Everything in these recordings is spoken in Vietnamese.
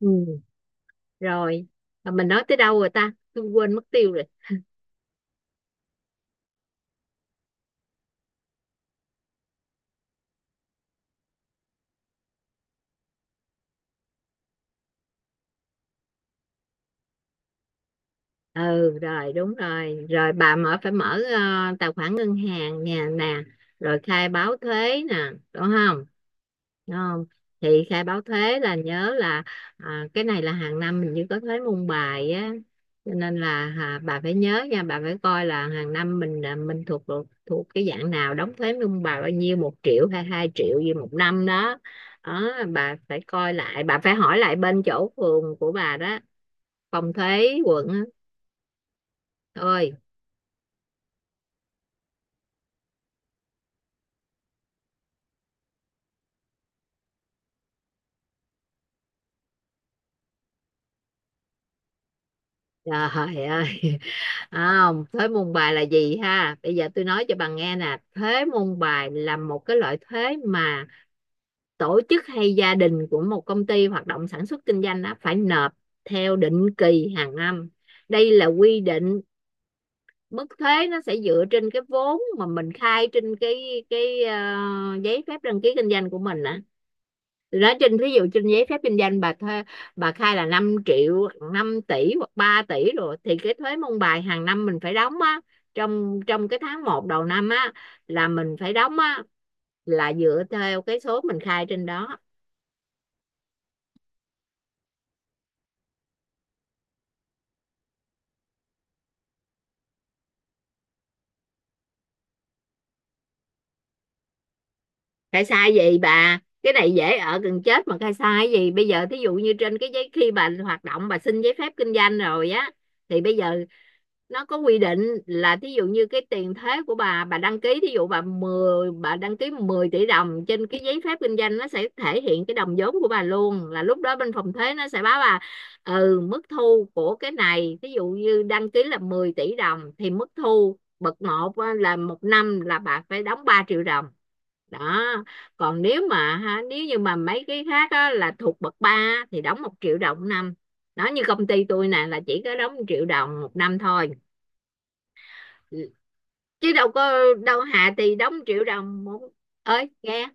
Ừ, rồi. Mà mình nói tới đâu rồi ta? Tôi quên mất tiêu rồi. Ừ, rồi, đúng rồi, rồi bà mở, phải mở tài khoản ngân hàng nè, nè. Rồi khai báo thuế nè, đúng không? Đúng không? Thì khai báo thuế là nhớ là, à, cái này là hàng năm mình như có thuế môn bài á, cho nên là, à, bà phải nhớ nha, bà phải coi là hàng năm mình, mình thuộc thuộc thuộc cái dạng nào, đóng thuế môn bài bao nhiêu, 1 triệu hay 2 triệu gì một năm đó. Đó, bà phải coi lại, bà phải hỏi lại bên chỗ phường của bà đó, phòng thuế quận á. Ôi trời ơi, không, thuế môn bài là gì ha, bây giờ tôi nói cho bà nghe nè. Thuế môn bài là một cái loại thuế mà tổ chức hay gia đình của một công ty hoạt động sản xuất kinh doanh đó phải nộp theo định kỳ hàng năm. Đây là quy định. Mức thuế nó sẽ dựa trên cái vốn mà mình khai trên cái giấy phép đăng ký kinh doanh của mình á. Thì trên, ví dụ trên giấy phép kinh doanh bà thuê, bà khai là 5 triệu 5 tỷ hoặc 3 tỷ rồi, thì cái thuế môn bài hàng năm mình phải đóng á, trong trong cái tháng 1 đầu năm á, là mình phải đóng á, là dựa theo cái số mình khai trên đó. Khai sai gì bà, cái này dễ ở gần chết, mà khai sai gì bây giờ. Thí dụ như trên cái giấy khi bà hoạt động, bà xin giấy phép kinh doanh rồi á, thì bây giờ nó có quy định là, thí dụ như cái tiền thuế của bà đăng ký, thí dụ bà đăng ký 10 tỷ đồng trên cái giấy phép kinh doanh, nó sẽ thể hiện cái đồng vốn của bà luôn, là lúc đó bên phòng thuế nó sẽ báo bà. Ừ, mức thu của cái này, thí dụ như đăng ký là 10 tỷ đồng, thì mức thu bậc một là một năm là bà phải đóng 3 triệu đồng. Đó, còn nếu mà ha, nếu như mà mấy cái khác á, là thuộc bậc 3 thì đóng 1 triệu đồng 1 năm. Đó, như công ty tôi nè là chỉ có đóng 1 triệu đồng 1 năm thôi. Ừ. Chứ đâu có, đâu hà, thì đóng triệu đồng một. Ơi nghe,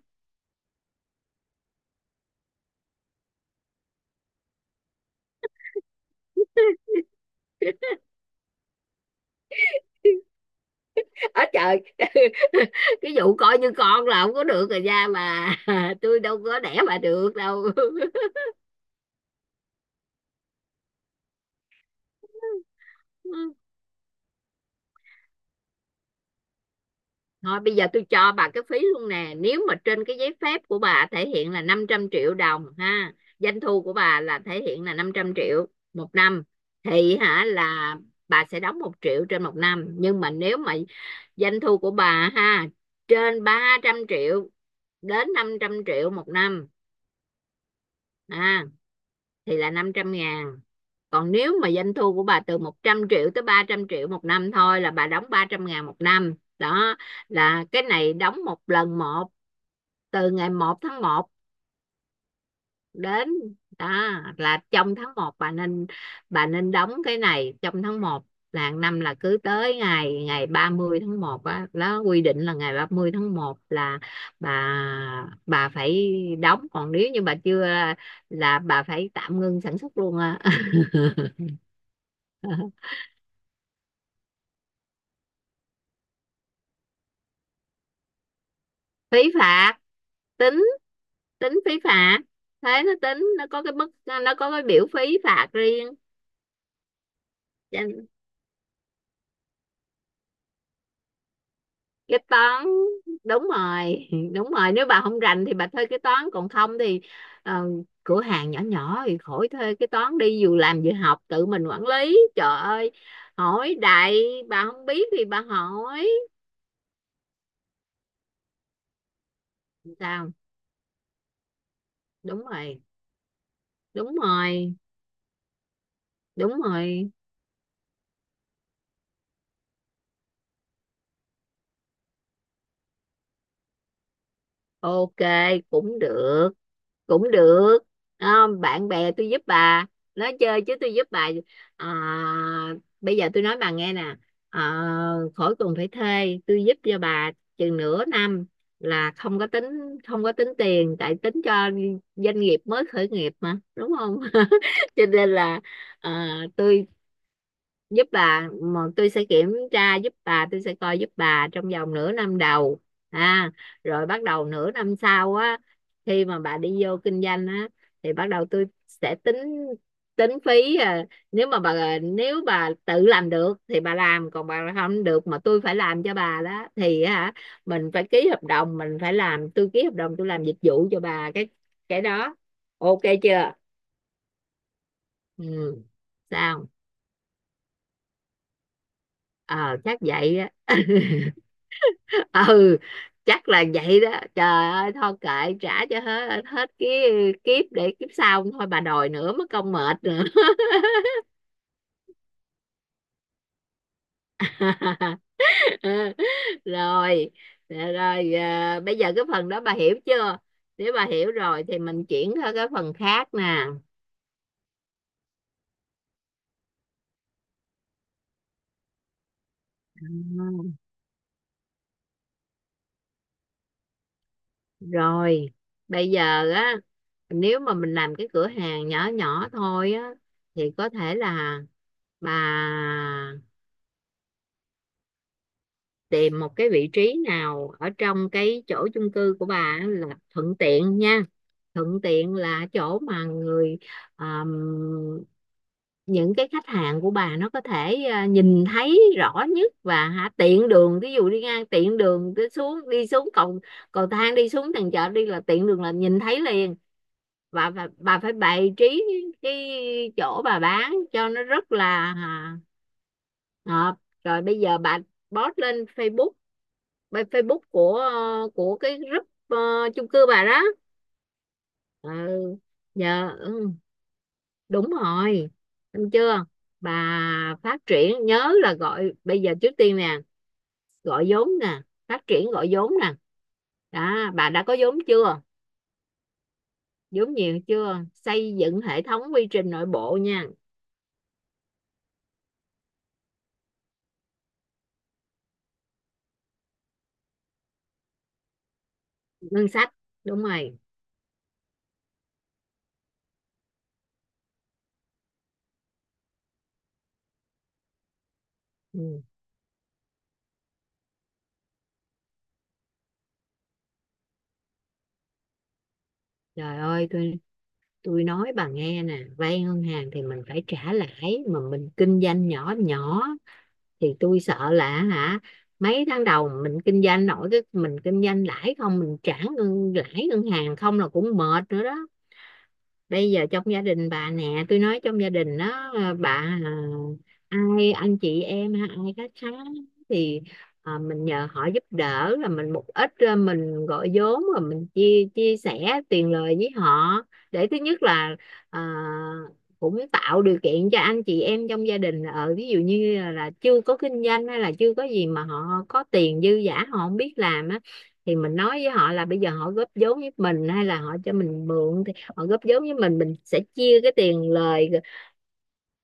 ở trời, cái vụ coi như con là không có được rồi ra mà, tôi đâu có đẻ mà được đâu. Thôi bây giờ tôi cho bà cái phí luôn nè. Nếu mà trên cái giấy phép của bà thể hiện là 500 triệu đồng ha, doanh thu của bà là thể hiện là 500 triệu 1 năm, thì hả, là bà sẽ đóng 1 triệu trên 1 năm. Nhưng mà nếu mà doanh thu của bà ha, trên 300 triệu đến 500 triệu 1 năm ha, thì là 500 ngàn. Còn nếu mà doanh thu của bà từ 100 triệu tới 300 triệu 1 năm thôi, là bà đóng 300 ngàn 1 năm. Đó, là cái này đóng một lần một, từ ngày 1 tháng 1 đến, đó, là trong tháng 1 bà nên đóng cái này trong tháng 1, là hàng năm là cứ tới ngày ngày 30 tháng 1 á. Đó, quy định là ngày 30 tháng 1 là bà bà phải đóng, còn nếu như bà chưa là bà phải tạm ngưng sản xuất luôn á. Phí phạt, tính tính phí phạt, thế nó tính, nó có cái mức, nó có cái biểu phí phạt riêng. Cái toán, đúng rồi, đúng rồi, nếu bà không rành thì bà thuê cái toán, còn không thì, ờ, cửa hàng nhỏ nhỏ thì khỏi thuê cái toán, đi vừa làm vừa học tự mình quản lý. Trời ơi, hỏi đại, bà không biết thì bà hỏi. Sao, đúng rồi, đúng rồi, đúng rồi, ok, cũng được, cũng được. Đó, bạn bè tôi giúp bà, nói chơi chứ tôi giúp bà. À, bây giờ tôi nói bà nghe nè, à, khỏi cần phải thuê, tôi giúp cho bà chừng nửa năm là không có tính tiền, tại tính cho doanh nghiệp mới khởi nghiệp mà, đúng không? Cho nên là, à, tôi giúp bà mà, tôi sẽ kiểm tra giúp bà, tôi sẽ coi giúp bà trong vòng nửa năm đầu. À, rồi bắt đầu nửa năm sau á, khi mà bà đi vô kinh doanh á, thì bắt đầu tôi sẽ tính, tính phí. À, nếu bà tự làm được thì bà làm, còn bà không được mà tôi phải làm cho bà đó, thì hả mình phải ký hợp đồng, mình phải làm, tôi ký hợp đồng tôi làm dịch vụ cho bà cái đó. Ok chưa? Ừ, sao? Ờ, chắc vậy á. Ừ, chắc là vậy đó, trời ơi, thôi kệ, trả cho hết hết cái kiếp để kiếp sau không thôi bà đòi nữa mất công mệt nữa. Rồi, dạ rồi, à, bây giờ cái phần đó bà hiểu chưa? Nếu bà hiểu rồi thì mình chuyển qua cái phần khác nè. À, rồi bây giờ á, nếu mà mình làm cái cửa hàng nhỏ nhỏ thôi á, thì có thể là bà tìm một cái vị trí nào ở trong cái chỗ chung cư của bà là thuận tiện nha. Thuận tiện là chỗ mà người, um, những cái khách hàng của bà nó có thể, à, nhìn thấy rõ nhất và hả, tiện đường, ví dụ đi ngang, tiện đường đi xuống cầu cầu thang đi xuống tầng chợ đi, là tiện đường là nhìn thấy liền. Bà phải bày trí cái chỗ bà bán cho nó rất là, à, hợp. Rồi bây giờ bà post lên Facebook, bên Facebook của, của cái group, ờ, chung cư bà đó. Ừ, giờ, ừ, đúng rồi, đúng chưa? Bà phát triển, nhớ là gọi, bây giờ trước tiên nè, gọi vốn nè, phát triển gọi vốn nè. Đó, bà đã có vốn chưa? Vốn nhiều chưa? Xây dựng hệ thống quy trình nội bộ nha. Ngân sách, đúng rồi. Ừ. Trời ơi, tôi nói bà nghe nè, vay ngân hàng thì mình phải trả lãi, mà mình kinh doanh nhỏ nhỏ thì tôi sợ là hả mấy tháng đầu mình kinh doanh nổi, cái mình kinh doanh lãi không, mình trả ngân lãi ngân hàng không là cũng mệt nữa đó. Bây giờ trong gia đình bà nè, tôi nói trong gia đình đó, à, bà, à, ai anh chị em ha, ai khách khá thì, à, mình nhờ họ giúp đỡ là mình một ít, à, mình gọi vốn rồi mình chia chia sẻ tiền lời với họ để thứ nhất là, à, cũng tạo điều kiện cho anh chị em trong gia đình ở, ví dụ như là chưa có kinh doanh hay là chưa có gì mà họ có tiền dư dả họ không biết làm á, thì mình nói với họ là bây giờ họ góp vốn với mình hay là họ cho mình mượn. Họ góp vốn với mình sẽ chia cái tiền lời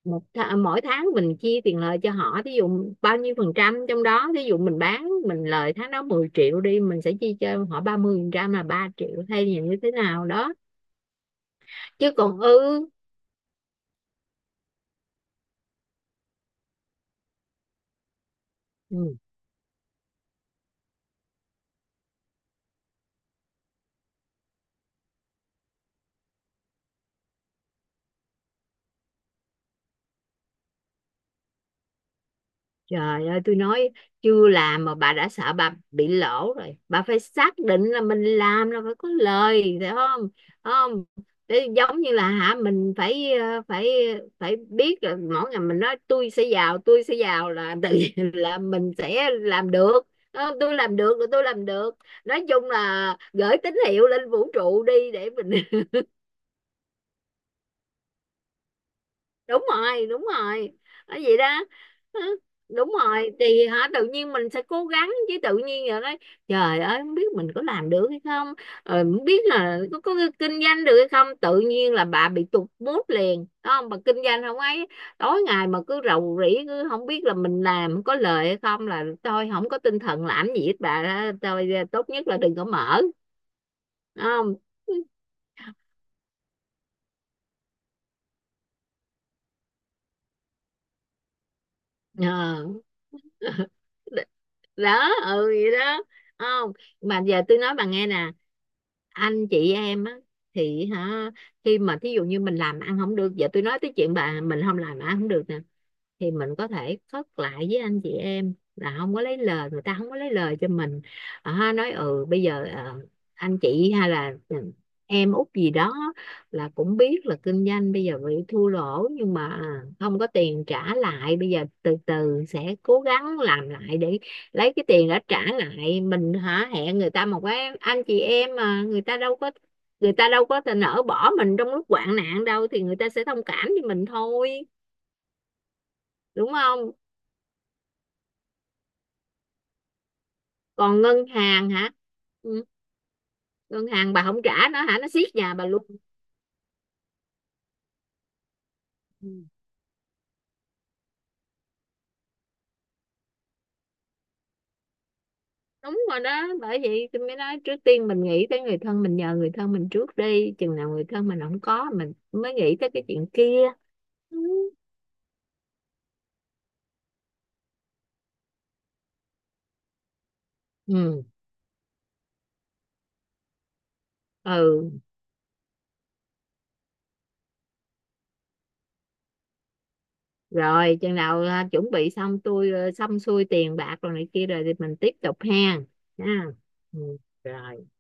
một th mỗi tháng, mình chia tiền lời cho họ, thí dụ bao nhiêu phần trăm trong đó. Thí dụ mình bán mình lời tháng đó 10 triệu đi, mình sẽ chia cho họ 30% là 3 triệu hay là như thế nào đó. Chứ còn ư, ừ. Trời ơi tôi nói, chưa làm mà bà đã sợ bà bị lỗ rồi, bà phải xác định là mình làm là phải có lời, phải không? Phải không? Để giống như là hả mình phải, ờ, phải phải biết là mỗi ngày mình nói tôi sẽ giàu, tôi sẽ giàu, là tự nhiên là mình sẽ làm được. Ờ, tôi làm được là tôi làm được. Nói chung là gửi tín hiệu lên vũ trụ đi để mình, đúng rồi, đúng rồi, nói vậy đó. Hả? Đúng rồi, thì hả tự nhiên mình sẽ cố gắng, chứ tự nhiên giờ nói trời ơi không biết mình có làm được hay không, rồi không biết là có kinh doanh được hay không, tự nhiên là bà bị tụt mood liền. Đúng không? Bà kinh doanh không ấy, tối ngày mà cứ rầu rĩ, cứ không biết là mình làm có lời hay không, là thôi không có tinh thần làm gì hết bà đó. Tôi tốt nhất là đừng có mở. Đúng không? Ờ. Đó, ừ, vậy đó. Không, mà giờ tôi nói bà nghe nè, anh chị em á, thì hả khi mà thí dụ như mình làm ăn không được, giờ tôi nói tới chuyện bà mình không làm ăn không được nè, thì mình có thể phớt lại với anh chị em là không có lấy lời người ta, không có lấy lời cho mình. Ờ, ha, nói, ừ, bây giờ, ờ, anh chị hay là, ừ, em út gì đó là cũng biết là kinh doanh bây giờ bị thua lỗ, nhưng mà, à, không có tiền trả lại, bây giờ từ từ sẽ cố gắng làm lại để lấy cái tiền đã trả lại mình, hả, hẹn người ta một cái, anh chị em mà, người ta đâu có thể nỡ bỏ mình trong lúc hoạn nạn đâu, thì người ta sẽ thông cảm với mình thôi. Đúng không? Còn ngân hàng hả? Ừ. Ngân hàng bà không trả nó hả, nó siết nhà bà luôn. Ừ. Đúng rồi đó, bởi vậy tôi mới nói trước tiên mình nghĩ tới người thân, mình nhờ người thân mình trước đi, chừng nào người thân mình không có mình mới nghĩ tới cái chuyện kia. Ừ, ừ. Ừ. Rồi chừng nào, à, chuẩn bị xong, tôi, à, xong xuôi tiền bạc rồi này kia rồi thì mình tiếp tục ha. Ha. Ừ. Rồi.